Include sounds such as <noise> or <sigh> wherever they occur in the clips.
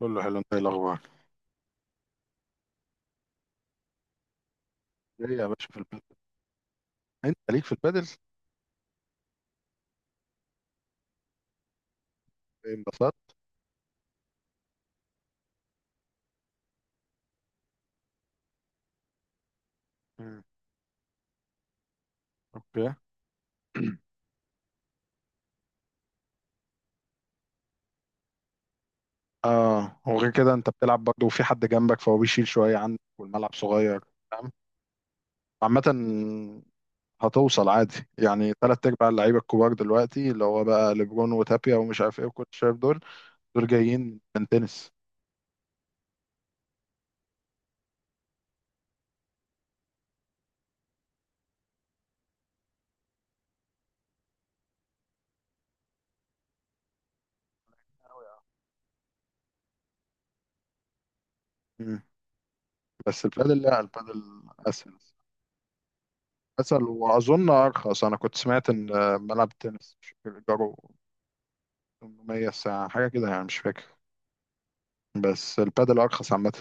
كله حلو، انت ايه الاخبار؟ ايه يا باشا في البدل. انت ليك في البدل؟ ايه، انبسطت؟ مم. اوكي. <clears throat> اه، وغير كده انت بتلعب برضه وفي حد جنبك، فهو بيشيل شويه عنك والملعب صغير. فاهم؟ عامه، هتوصل عادي، يعني تلات ارباع اللعيبه الكبار دلوقتي، اللي هو بقى ليبرون وتابيا ومش عارف ايه وكل، شايف دول؟ دول جايين من تنس. مم. بس البادل، لا، البادل اسهل. اسهل، واظن ارخص. انا كنت سمعت ان ملعب التنس، مش فاكر، ايجاره 800 الساعة، حاجة كده يعني، مش فاكر. بس البادل أرخص عامة.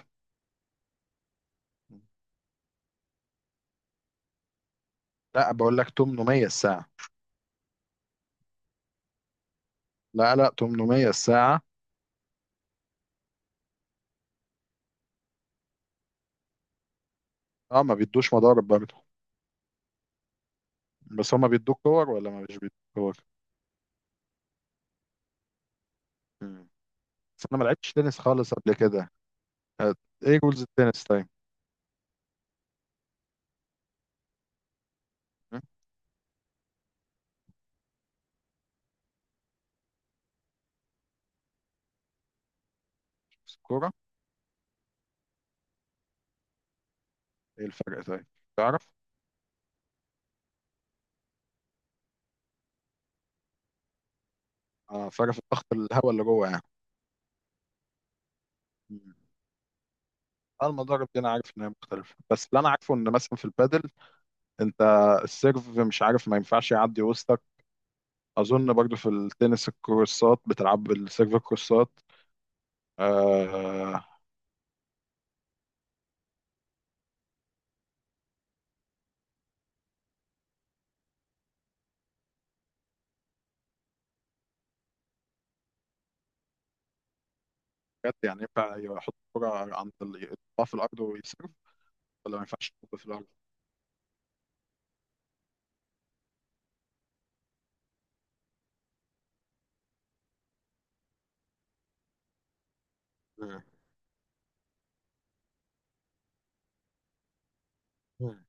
لا، بقول لك 800 الساعة. لا، لا، 800 الساعة. اه، ما بيدوش مضارب برضه؟ بس هما بيدوك كور ولا ما مش بيدوك كور؟ مم. بس انا ما لعبتش تنس خالص قبل كده. آه. ايه رولز التنس طيب؟ مم. بس الكورة. ايه الفرق طيب؟ تعرف؟ اه، فرق في الضغط الهواء اللي جوه يعني. مم. اه، المضارب دي انا عارف ان هي مختلفة، بس اللي انا عارفه ان مثلا في البادل انت. السيرف، مش عارف، ما ينفعش يعدي وسطك. اظن برضو في التنس الكورسات بتلعب بالسيرف الكورسات. آه. بجد؟ يعني ينفع يحط الكرة عند يحطها في الارض ويسيرف؟ ولا ما ينفعش تحط في الارض؟ مم. مم.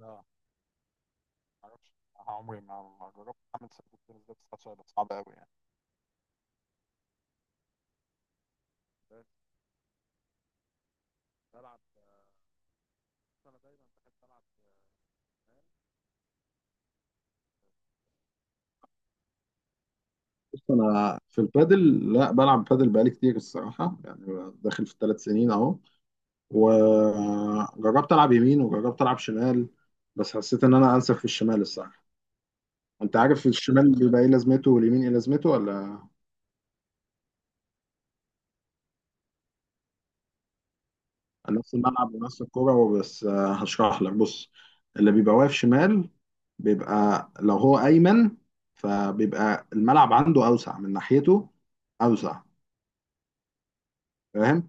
لا، معرفش. عمري ما جربت اعمل سيرف التنس ده، بس حاسه هيبقى صعب قوي يعني. بس. بلعب. بس انا دايما بحب العب. بص، انا في البادل، لا، بلعب بادل بقالي كتير الصراحه، يعني داخل في الثلاث سنين اهو. وجربت العب يمين، وجربت العب شمال. بس حسيت ان انا انسب في الشمال الصراحه. انت عارف الشمال بيبقى ايه لازمته واليمين ايه لازمته ولا؟ نفس الملعب ونفس الكوره. وبس، هشرح لك. بص. اللي بيبقى واقف شمال، بيبقى لو هو ايمن، فبيبقى الملعب عنده اوسع من ناحيته. اوسع. فاهم؟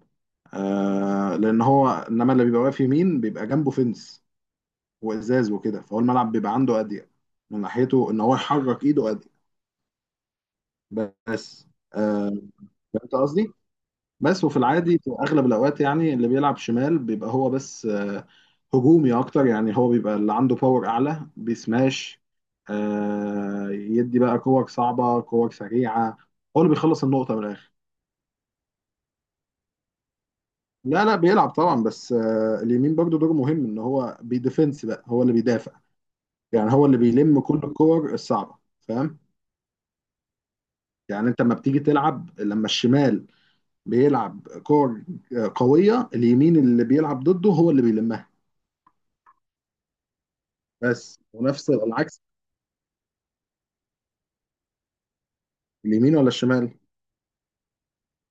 لان هو، انما اللي بيبقى واقف يمين بيبقى جنبه فنس وازاز وكده، فهو الملعب بيبقى عنده اضيق من ناحيته، ان هو يحرك ايده اضيق. بس، آه فهمت قصدي. بس وفي العادي في اغلب الاوقات، يعني اللي بيلعب شمال بيبقى هو بس هجومي اكتر. يعني هو بيبقى اللي عنده باور اعلى، بيسماش، يدي بقى كور صعبه كور سريعه. هو اللي بيخلص النقطه من الاخر. لا، لا، بيلعب طبعا، بس اليمين برضو دوره مهم، ان هو بيديفنس بقى، هو اللي بيدافع. يعني هو اللي بيلم كل الكور الصعبه. فاهم؟ يعني انت لما بتيجي تلعب، لما الشمال بيلعب كور قويه، اليمين اللي بيلعب ضده هو اللي بيلمها. بس، ونفس العكس. اليمين ولا الشمال؟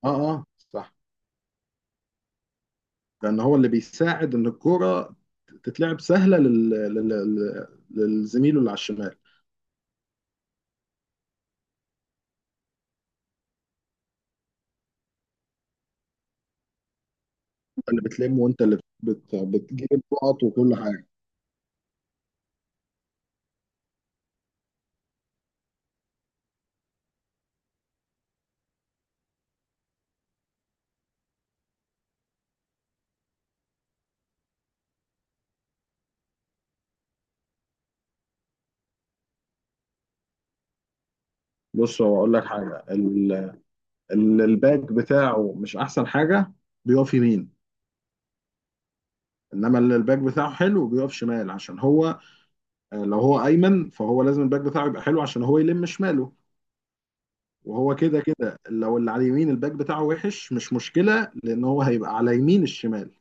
اه، اه، صح. لان هو اللي بيساعد ان الكرة تتلعب سهلة للزميله اللي على الشمال. انت اللي بتلم، وانت اللي بتجيب النقط وكل حاجة. بص، هو اقول لك حاجة. الباك بتاعه مش احسن حاجة، بيقف يمين. انما اللي الباك بتاعه حلو بيقف شمال، عشان هو لو هو ايمن فهو لازم الباك بتاعه يبقى حلو عشان هو يلم شماله. وهو كده كده لو اللي على اليمين الباك بتاعه وحش مش مشكلة، لأن هو هيبقى على يمين الشمال،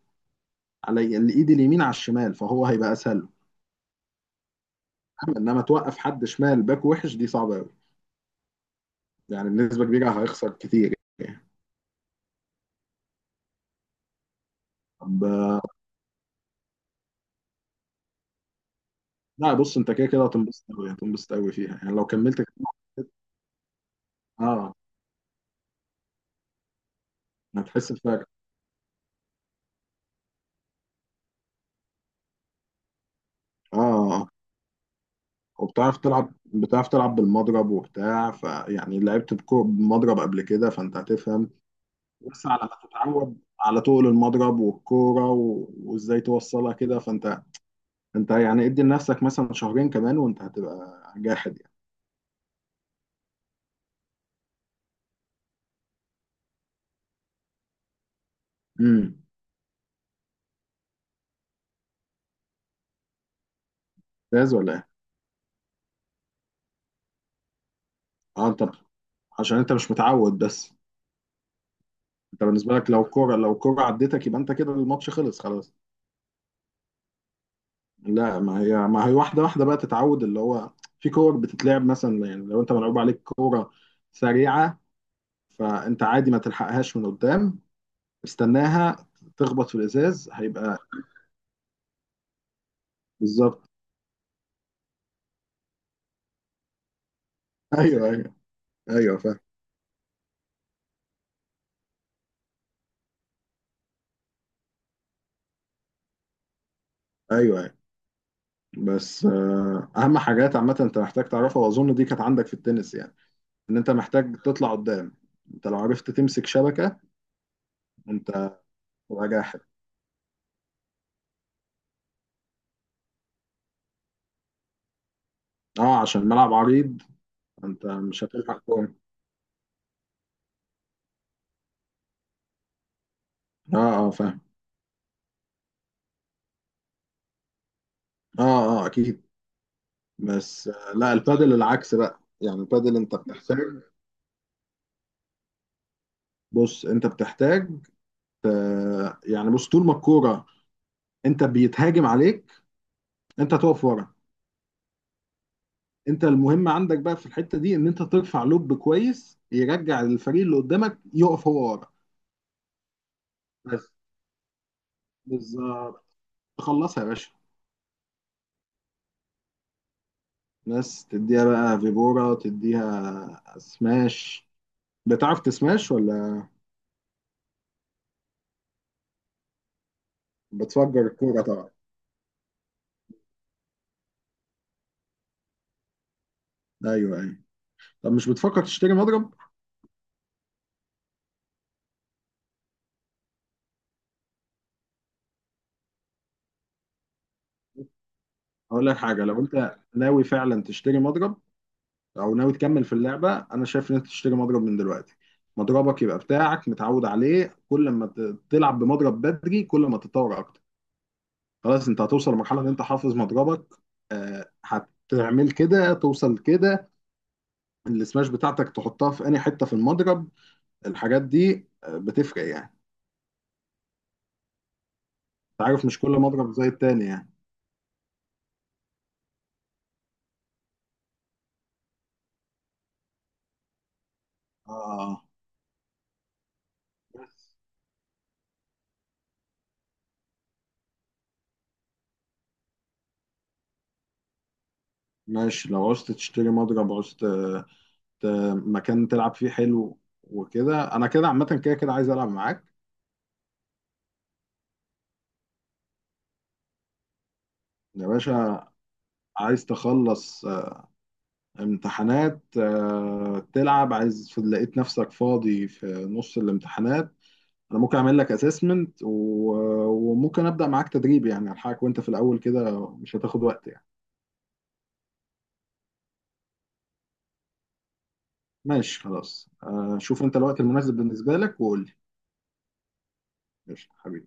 على الإيد اليمين على الشمال، فهو هيبقى أسهل له. إنما توقف حد شمال باك وحش دي صعبة أوي. يعني بنسبة كبيرة هيخسر كتير يعني. طب. لا، بص، أنت كده كده هتنبسط أوي، هتنبسط أوي فيها يعني لو كملت أه. هتحس بفرق. أه. آه. وبتعرف تلعب، بتعرف تلعب بالمضرب وبتاع، فيعني لعبت بمضرب قبل كده، فأنت هتفهم. بس على ما تتعود على طول المضرب والكورة وازاي توصلها كده، فانت انت يعني ادي لنفسك مثلا شهرين كمان، وانت هتبقى جاحد يعني. امم. جاهز ولا ايه؟ اه، انت عشان انت مش متعود بس. انت بالنسبة لك، لو الكورة عدتك يبقى انت كده الماتش خلص خلاص. لا، ما هي واحدة واحدة بقى تتعود، اللي هو في كور بتتلعب مثلا. يعني لو انت ملعوب عليك كورة سريعة، فانت عادي ما تلحقهاش من قدام. استناها تخبط في الازاز هيبقى. بالظبط. ايوه، ايوه. ايوه فاهم. ايوه، ايوه. بس اهم حاجات عامه انت محتاج تعرفها، واظن دي كانت عندك في التنس يعني. ان انت محتاج تطلع قدام. انت لو عرفت تمسك شبكه، انت تبقى جاحد. اه، عشان الملعب عريض. انت مش هتلحق كوره. اه، اه، فاهم. اه، اه، اكيد. بس لا، البادل العكس بقى. يعني البادل انت بتحتاج. بص انت بتحتاج يعني، بص، طول ما الكوره انت بيتهاجم عليك، انت تقف ورا. انت المهم عندك بقى في الحته دي، ان انت ترفع لوب كويس يرجع الفريق اللي قدامك يقف هو ورا. بس. بالظبط. تخلصها يا باشا. بس تديها بقى فيبورا، تديها سماش. بتعرف تسماش ولا؟ بتفجر الكوره طبعا. ايوه، ايوه. طب مش بتفكر تشتري مضرب؟ اقول لك حاجه، لو انت ناوي فعلا تشتري مضرب، او ناوي تكمل في اللعبه، انا شايف ان انت تشتري مضرب من دلوقتي. مضربك يبقى بتاعك متعود عليه. كل ما تلعب بمضرب بدري، كل ما تتطور اكتر. خلاص، انت هتوصل لمرحله ان انت حافظ مضربك، هتعمل كده توصل كده. السماش بتاعتك تحطها في انهي حته في المضرب، الحاجات دي بتفرق يعني. انت عارف مش كل مضرب زي التاني يعني. اه. بس. ماشي، لو عوزت تشتري مضرب، عوزت ت- مكان تلعب فيه حلو وكده، انا كده عامه كده كده عايز العب معاك. يا باشا، عايز تخلص امتحانات تلعب، عايز لقيت نفسك فاضي في نص الامتحانات، انا ممكن اعمل لك اسسمنت، وممكن ابدا معاك تدريب، يعني الحقك وانت في الاول كده مش هتاخد وقت يعني. ماشي، خلاص، شوف انت الوقت المناسب بالنسبه لك وقول لي. ماشي حبيبي.